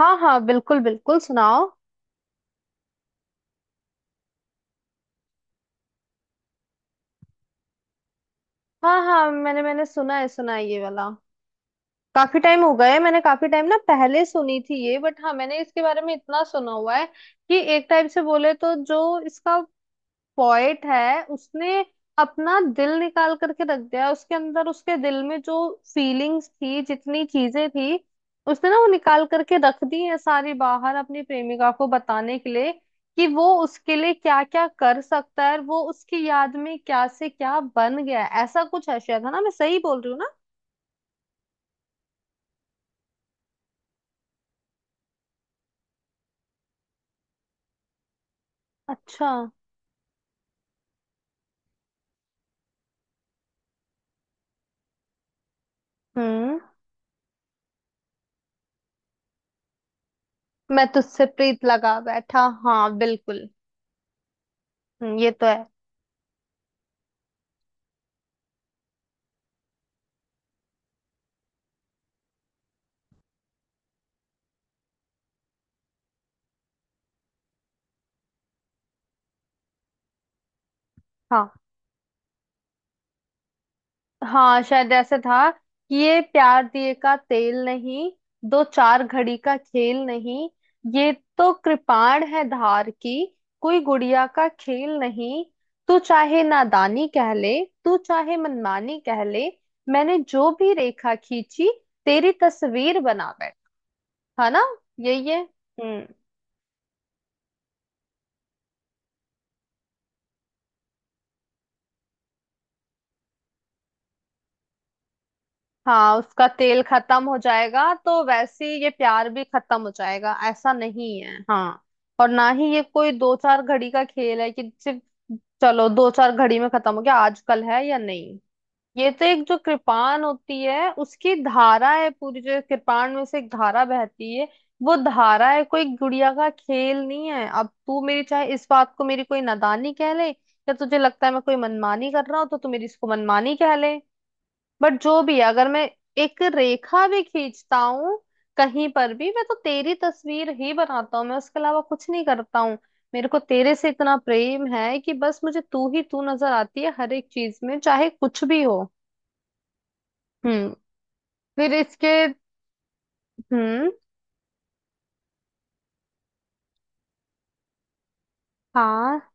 हाँ हाँ, बिल्कुल बिल्कुल सुनाओ। हाँ हाँ, मैंने मैंने सुना है, सुना है ये वाला। काफी टाइम हो गया है, मैंने काफी टाइम ना पहले सुनी थी ये, बट हाँ, मैंने इसके बारे में इतना सुना हुआ है कि एक टाइप से बोले तो जो इसका पोएट है उसने अपना दिल निकाल करके रख दिया है। उसके अंदर, उसके दिल में जो फीलिंग्स थी, जितनी चीजें थी उसने ना वो निकाल करके रख दी है सारी बाहर, अपनी प्रेमिका को बताने के लिए कि वो उसके लिए क्या क्या कर सकता है और वो उसकी याद में क्या से क्या बन गया है। ऐसा कुछ है शायद, है ना? मैं सही बोल रही हूँ ना? अच्छा। हम्म मैं तुझसे प्रीत लगा बैठा। हाँ बिल्कुल। ये तो है। हाँ हाँ, शायद ऐसे था कि ये प्यार दिए का तेल नहीं, दो चार घड़ी का खेल नहीं, ये तो कृपाण है धार की, कोई गुड़िया का खेल नहीं। तू चाहे नादानी कह ले, तू चाहे मनमानी कह ले, मैंने जो भी रेखा खींची तेरी तस्वीर बना बैठ। है ना? यही है। हम्म। हाँ, उसका तेल खत्म हो जाएगा तो वैसे ही ये प्यार भी खत्म हो जाएगा, ऐसा नहीं है। हाँ, और ना ही ये कोई दो चार घड़ी का खेल है कि सिर्फ चलो दो चार घड़ी में खत्म हो गया, आजकल है या नहीं। ये तो एक जो कृपाण होती है उसकी धारा है, पूरी जो कृपाण में से एक धारा बहती है, वो धारा है। कोई गुड़िया का खेल नहीं है। अब तू मेरी चाहे इस बात को मेरी कोई नादानी कह ले, या तुझे लगता है मैं कोई मनमानी कर रहा हूँ तो तू मेरी इसको मनमानी कह ले, बट जो भी है, अगर मैं एक रेखा भी खींचता हूँ कहीं पर भी, मैं तो तेरी तस्वीर ही बनाता हूँ, मैं उसके अलावा कुछ नहीं करता हूँ। मेरे को तेरे से इतना प्रेम है कि बस मुझे तू ही तू नजर आती है हर एक चीज में, चाहे कुछ भी हो। हम्म। फिर इसके, हम्म हाँ,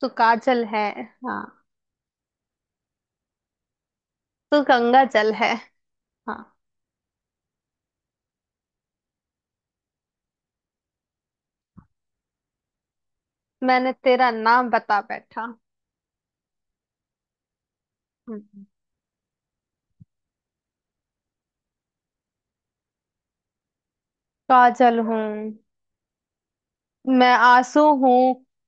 तू काजल है। हाँ तू गंगा जल है। हाँ, मैंने तेरा नाम बता बैठा। हम्म काजल हूँ। मैं आंसू हूँ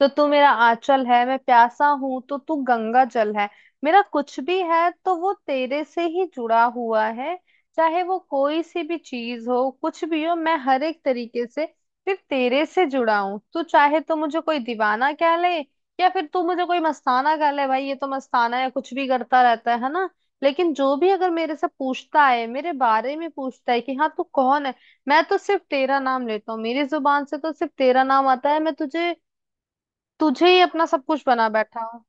तो तू मेरा आंचल है, मैं प्यासा हूँ तो तू गंगा जल है। मेरा कुछ भी है तो वो तेरे से ही जुड़ा हुआ है, चाहे वो कोई सी भी चीज हो, कुछ भी हो। मैं हर एक तरीके से फिर तेरे से जुड़ा हूँ। तू चाहे तो मुझे कोई दीवाना कह ले, या फिर तू मुझे कोई मस्ताना कह ले, भाई ये तो मस्ताना है, कुछ भी करता रहता है ना? लेकिन जो भी अगर मेरे से पूछता है, मेरे बारे में पूछता है कि हाँ, तू कौन है, मैं तो सिर्फ तेरा नाम लेता हूँ, मेरी जुबान से तो सिर्फ तेरा नाम आता है, मैं तुझे, तुझे ही अपना सब कुछ बना बैठा हूँ।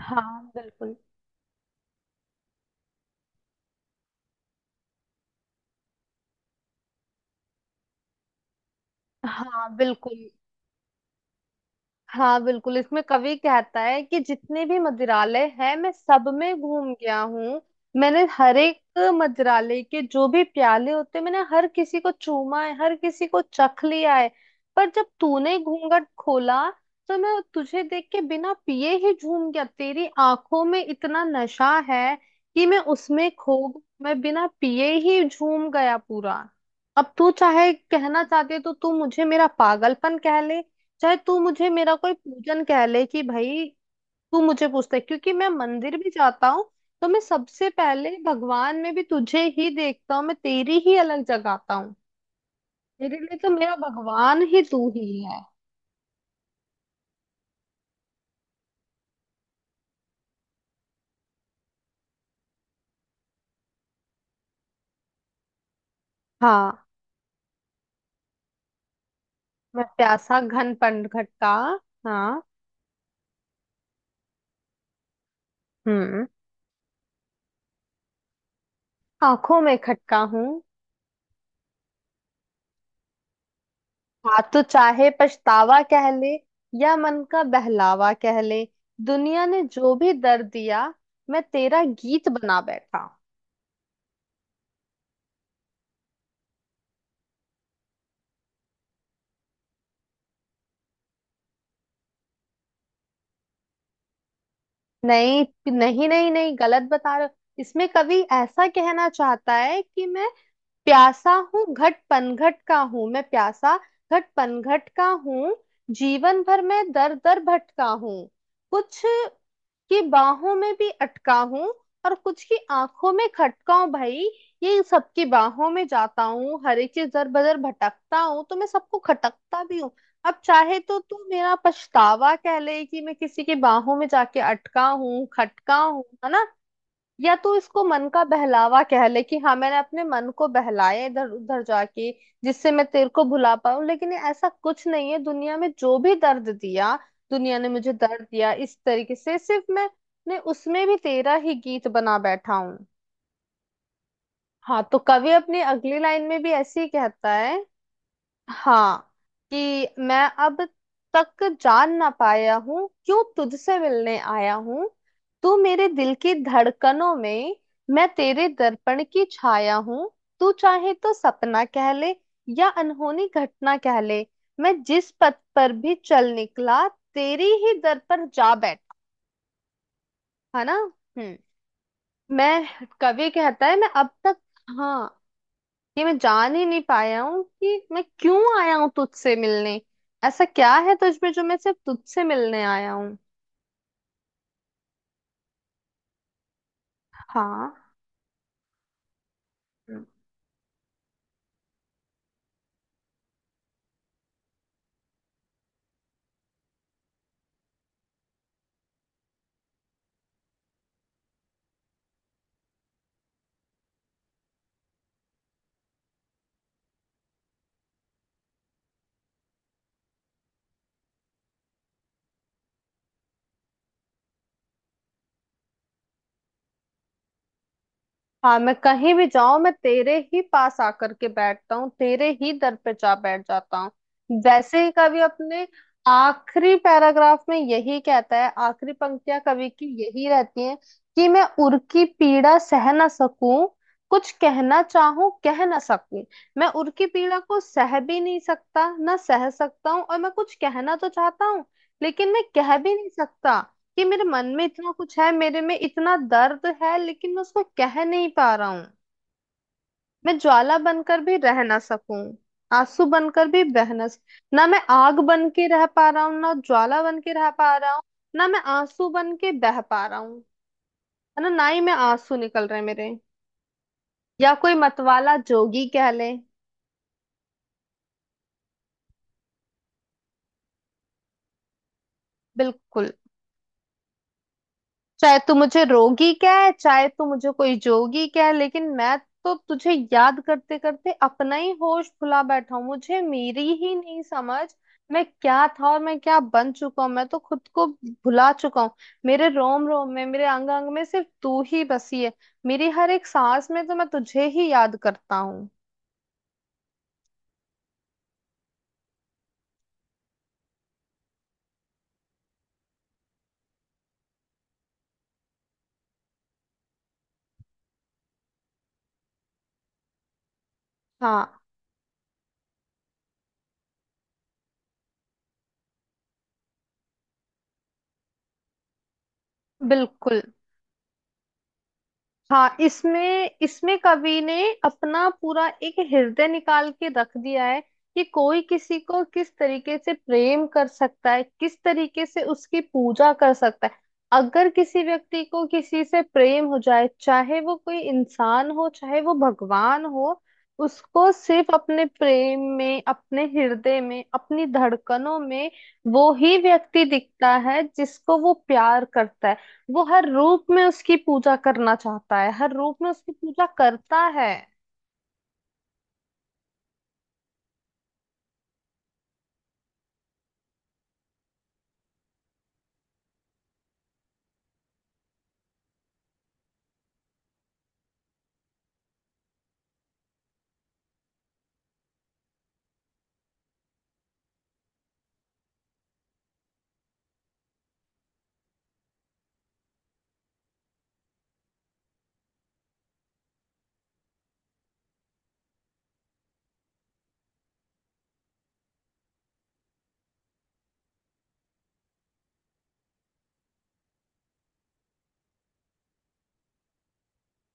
हाँ बिल्कुल। हाँ बिल्कुल। हाँ बिल्कुल, इसमें कवि कहता है कि जितने भी मदिरालय हैं मैं सब में घूम गया हूँ, मैंने हर एक मदिरालय के जो भी प्याले होते हैं, मैंने हर किसी को चूमा है, हर किसी को चख लिया है, पर जब तूने घूंघट खोला तो मैं तुझे देख के बिना पिए ही झूम गया। तेरी आंखों में इतना नशा है कि मैं उसमें खो, मैं बिना पिए ही झूम गया पूरा। अब तू चाहे कहना चाहती है तो तू मुझे मेरा पागलपन कह ले, चाहे तू मुझे मेरा कोई पूजन कह ले, कि भाई तू मुझे पूछता है क्योंकि मैं मंदिर भी जाता हूँ, तो मैं सबसे पहले भगवान में भी तुझे ही देखता हूँ, मैं तेरी ही अलग जगाता हूँ। मेरे लिए तो मेरा भगवान ही तू ही है। हाँ, मैं प्यासा घन खटका। हाँ। हम्म आंखों में खटका हूँ। हाँ, तो चाहे पछतावा कह ले, या मन का बहलावा कह ले, दुनिया ने जो भी दर्द दिया मैं तेरा गीत बना बैठा। नहीं नहीं नहीं नहीं, गलत बता रहे हो। इसमें कवि ऐसा कहना चाहता है कि मैं प्यासा हूँ, घट पनघट का हूँ, मैं प्यासा घट पनघट का हूँ, जीवन भर मैं दर दर भटका हूँ, कुछ की बाहों में भी अटका हूँ और कुछ की आंखों में खटका हूँ। भाई ये, सबकी बाहों में जाता हूँ, हर एक चीज दर बदर भटकता हूँ तो मैं सबको खटकता भी हूँ। अब चाहे तो तू मेरा पछतावा कह ले कि मैं किसी की बाहों में जाके अटका हूँ, खटका हूँ, है ना? या तो इसको मन का बहलावा कह ले कि हाँ, मैंने अपने मन को बहलाया इधर उधर जाके, जिससे मैं तेरे को भुला पाऊं, लेकिन ये ऐसा कुछ नहीं है। दुनिया में जो भी दर्द दिया, दुनिया ने मुझे दर्द दिया इस तरीके से, सिर्फ मैं उसमें भी तेरा ही गीत बना बैठा हूं। हाँ, तो कवि अपनी अगली लाइन में भी ऐसे ही कहता है। हाँ, कि मैं अब तक जान ना पाया हूँ क्यों तुझसे मिलने आया हूँ, तू मेरे दिल की धड़कनों में, मैं तेरे दर्पण की छाया हूँ, तू चाहे तो सपना कह ले, या अनहोनी घटना कह ले, मैं जिस पथ पर भी चल निकला तेरी ही दर पर जा बैठा। है ना? हम्म मैं, कवि कहता है, मैं अब तक, हाँ, ये मैं जान ही नहीं पाया हूँ कि मैं क्यों आया हूँ तुझसे मिलने, ऐसा क्या है तुझ में जो मैं सिर्फ तुझसे मिलने आया हूँ। हाँ हाँ, मैं कहीं भी जाऊं मैं तेरे ही पास आकर के बैठता हूँ, तेरे ही दर पे जा बैठ जाता हूँ। वैसे ही कवि अपने आखिरी पैराग्राफ में यही कहता है, आखिरी पंक्तियां कवि की यही रहती हैं कि मैं उर की पीड़ा सह ना सकूं, कुछ कहना चाहूं कह ना सकूं। मैं उर की पीड़ा को सह भी नहीं सकता, ना सह सकता हूँ और मैं कुछ कहना तो चाहता हूँ लेकिन मैं कह भी नहीं सकता, कि मेरे मन में इतना कुछ है, मेरे में इतना दर्द है लेकिन मैं उसको कह नहीं पा रहा हूँ। मैं ज्वाला बनकर भी रह ना सकूं, आंसू बनकर भी बह ना, मैं आग बन के रह पा रहा हूँ ना ज्वाला बन के रह पा रहा हूँ, ना मैं आंसू बन के बह पा रहा हूँ, है ना? ना ही मैं, आंसू निकल रहे हैं मेरे, या कोई मतवाला जोगी कह ले। बिल्कुल, चाहे तू मुझे रोगी क्या है, चाहे तू मुझे कोई जोगी क्या है, लेकिन मैं तो तुझे याद करते करते अपना ही होश भुला बैठा हूँ, मुझे मेरी ही नहीं समझ, मैं क्या था और मैं क्या बन चुका हूँ, मैं तो खुद को भुला चुका हूँ। मेरे रोम रोम में, मेरे अंग अंग में सिर्फ तू ही बसी है, मेरी हर एक सांस में तो मैं तुझे ही याद करता हूँ। हाँ बिल्कुल। हाँ, इसमें इसमें कवि ने अपना पूरा एक हृदय निकाल के रख दिया है, कि कोई किसी को किस तरीके से प्रेम कर सकता है, किस तरीके से उसकी पूजा कर सकता है। अगर किसी व्यक्ति को किसी से प्रेम हो जाए, चाहे वो कोई इंसान हो चाहे वो भगवान हो, उसको सिर्फ अपने प्रेम में, अपने हृदय में, अपनी धड़कनों में वो ही व्यक्ति दिखता है जिसको वो प्यार करता है। वो हर रूप में उसकी पूजा करना चाहता है, हर रूप में उसकी पूजा करता है।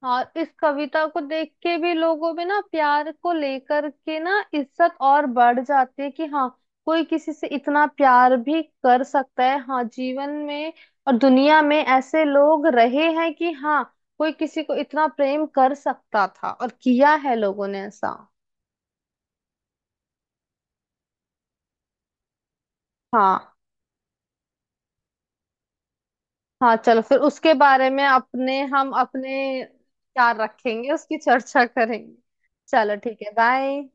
और इस कविता को देख के भी लोगों में ना प्यार को लेकर के ना इज्जत और बढ़ जाती है, कि हाँ, कोई किसी से इतना प्यार भी कर सकता है, हाँ जीवन में, और दुनिया में ऐसे लोग रहे हैं कि हाँ, कोई किसी को इतना प्रेम कर सकता था और किया है लोगों ने ऐसा। हाँ हाँ, चलो फिर उसके बारे में अपने, हम अपने विचार रखेंगे, उसकी चर्चा करेंगे। चलो ठीक है, बाय।